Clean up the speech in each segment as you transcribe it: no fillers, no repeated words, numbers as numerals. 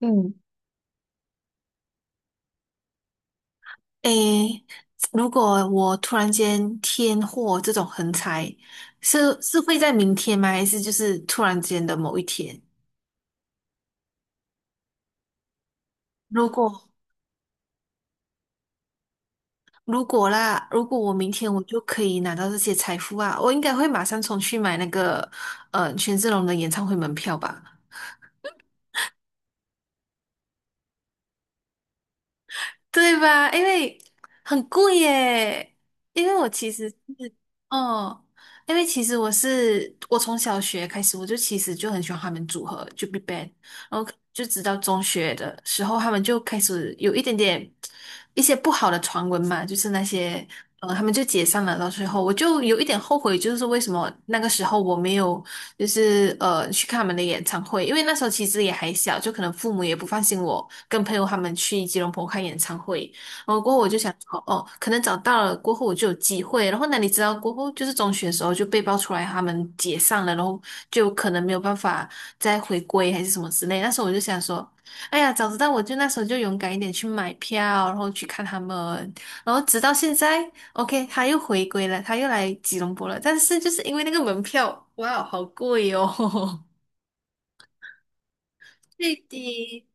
嗯。诶，如果我突然间天祸这种横财，是会在明天吗？还是就是突然间的某一天？如果如果我明天我就可以拿到这些财富啊，我应该会马上冲去买那个权志龙的演唱会门票吧，对吧？因为很贵耶。因为我其实是。哦。因为其实我是从小学开始，我就其实就很喜欢他们组合，就 BigBang。然后就直到中学的时候，他们就开始有一点点一些不好的传闻嘛，就是那些他们就解散了。到最后，我就有一点后悔，就是为什么那个时候我没有就是去看他们的演唱会，因为那时候其实也还小，就可能父母也不放心我跟朋友他们去吉隆坡看演唱会。然后过后我就想说，哦，可能找到了，过后我就有机会。然后哪你知道过后就是中学的时候就被爆出来他们解散了，然后就可能没有办法再回归还是什么之类。那时候我就想说，哎呀，早知道我就那时候就勇敢一点去买票，然后去看他们。然后直到现在，OK,他又回归了，他又来吉隆坡了。但是就是因为那个门票，哇，好贵哦。最低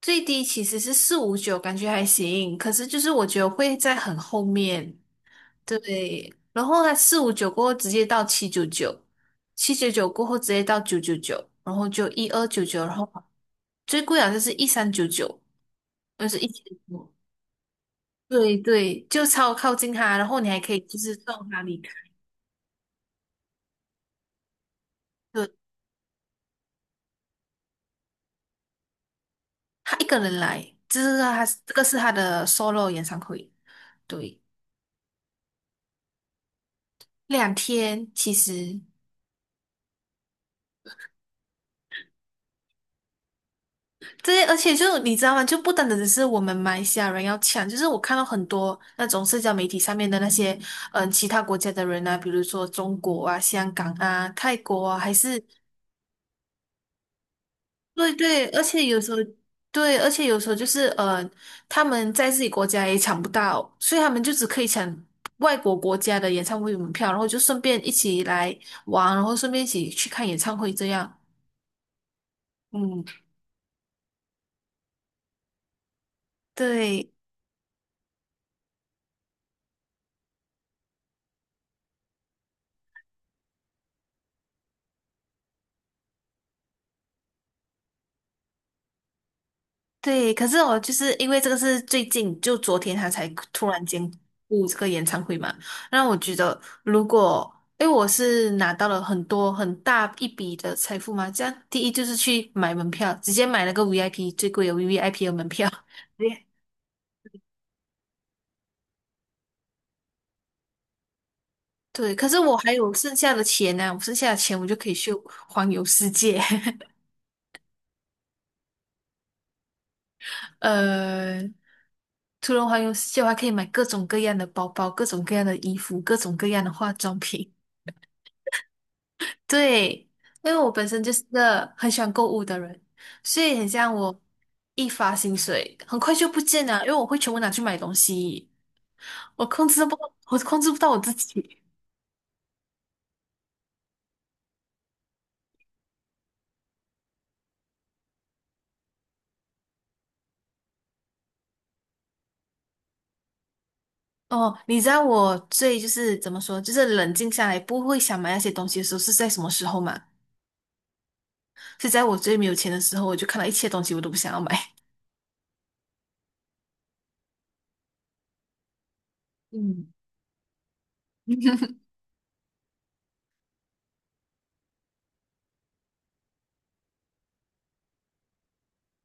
最低其实是四五九，感觉还行。可是就是我觉得会在很后面。对。然后它四五九过后直接到七九九，七九九过后直接到999，然后就1299，然后最贵好像是1399，就是1000多。对对，就超靠近他，然后你还可以就是送他离开。对，他一个人来，这是他这个是他的 solo 演唱会。对，2天其实。对，而且就你知道吗？就不单单只是我们马来西亚人要抢，就是我看到很多那种社交媒体上面的那些，嗯，其他国家的人啊，比如说中国啊、香港啊、泰国啊，还是。对对。而且有时候。对，而且有时候就是他们在自己国家也抢不到，所以他们就只可以抢外国国家的演唱会门票，然后就顺便一起来玩，然后顺便一起去看演唱会这样。嗯。对。对，可是我就是因为这个是最近，就昨天他才突然间录这个演唱会嘛，让我觉得如果，因为我是拿到了很多很大一笔的财富嘛，这样第一就是去买门票，直接买了个 VIP 最贵的 VIP 的门票。对。对，可是我还有剩下的钱呢、我剩下的钱我就可以去环游世界。呃，除了环游世界，我还可以买各种各样的包包、各种各样的衣服、各种各样的化妆品。对，因为我本身就是个很喜欢购物的人，所以很像我一发薪水很快就不见了，因为我会全部拿去买东西。我控制不到我自己。哦，你知道我最就是怎么说，就是冷静下来不会想买那些东西的时候是在什么时候吗？是在我最没有钱的时候，我就看到一切东西我都不想要买。嗯。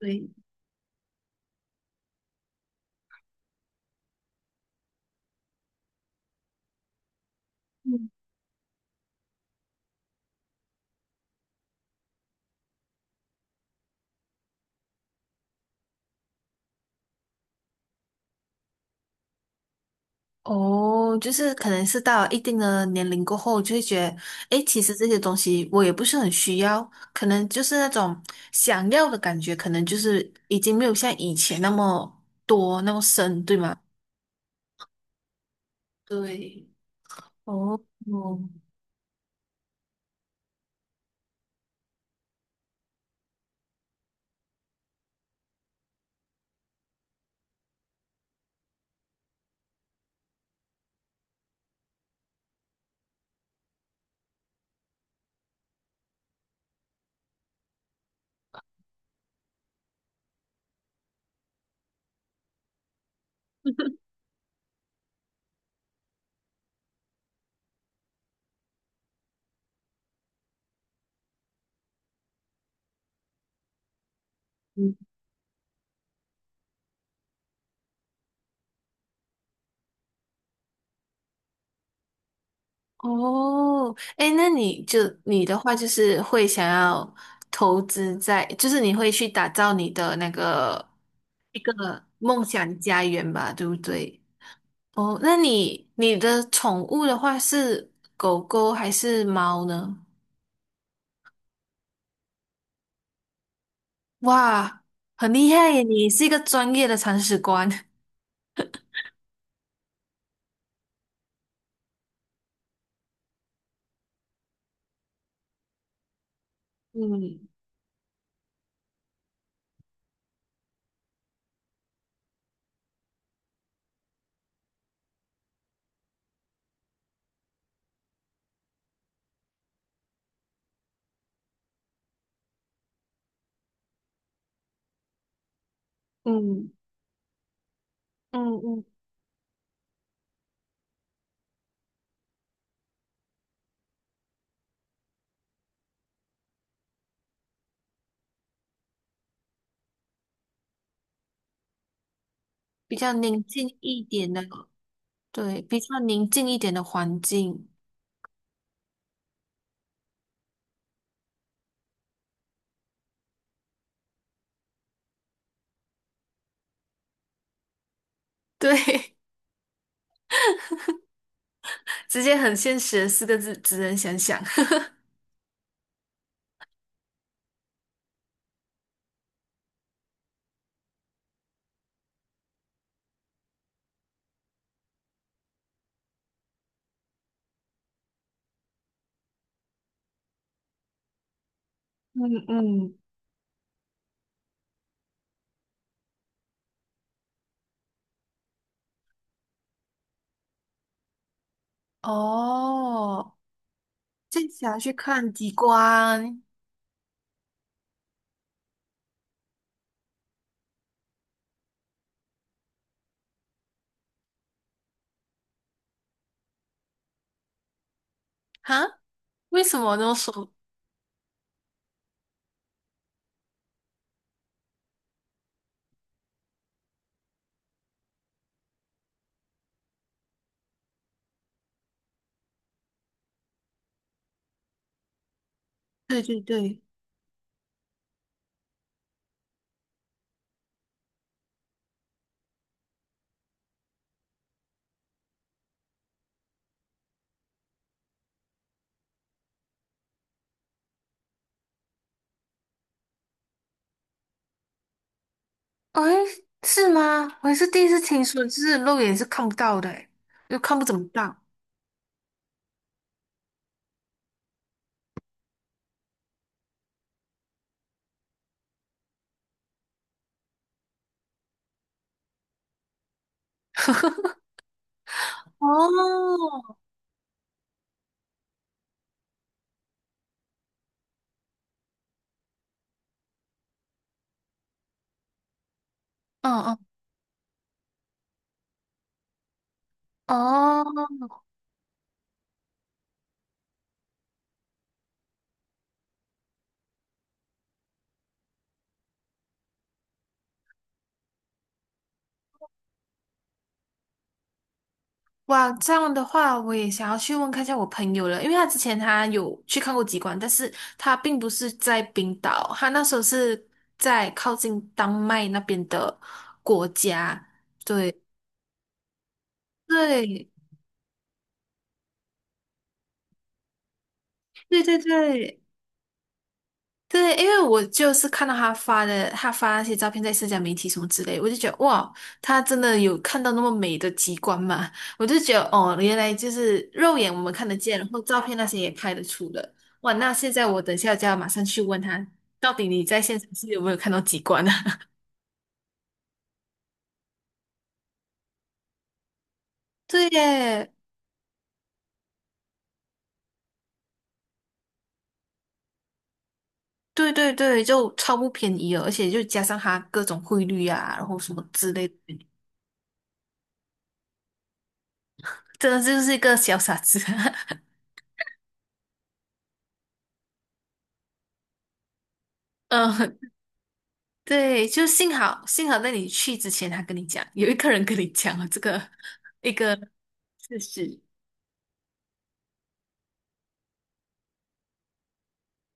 对。哦，就是可能是到一定的年龄过后，就会觉得，诶，其实这些东西我也不是很需要，可能就是那种想要的感觉，可能就是已经没有像以前那么多那么深，对吗？对。哦。哦。嗯。哦。诶，那你就你的话就是会想要投资在，就是你会去打造你的那个这个梦想家园吧，对不对？哦，那你你的宠物的话是狗狗还是猫呢？哇，很厉害耶！你是一个专业的铲屎官。嗯嗯嗯嗯。比较宁静一点的。对，比较宁静一点的环境。对。直接很现实的四个字，只能想想。嗯嗯。哦，这次要去看极光哈？为什么那么说？对对对。哎，是吗？我还是第一次听说，就是肉眼是看不到的欸。诶又看不怎么到。哦。嗯嗯。哦。哇，这样的话，我也想要去问看一下我朋友了，因为他之前他有去看过极光，但是他并不是在冰岛，他那时候是在靠近丹麦那边的国家。对。对。对对对。对，因为我就是看到他发的，他发那些照片在社交媒体什么之类，我就觉得哇，他真的有看到那么美的极光嘛？我就觉得哦，原来就是肉眼我们看得见，然后照片那些也拍得出的。哇，那现在我等下就要马上去问他，到底你在现场是有没有看到极光啊？对耶。对对对，就超不便宜了，而且就加上他各种汇率啊，然后什么之类的，真的就是一个小傻子。嗯。对，就幸好幸好在你去之前，他跟你讲，有一个人跟你讲了这个一个事实。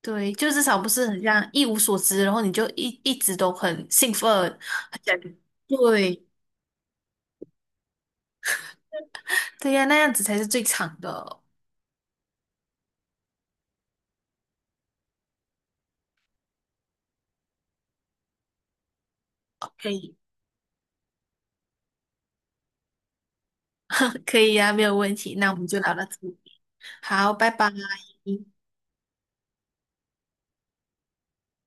对，就至少不是很像一无所知，然后你就一直都很兴奋，很想。对对呀、那样子才是最长的。可以，可以呀、没有问题。那我们就聊到这里。好，拜拜。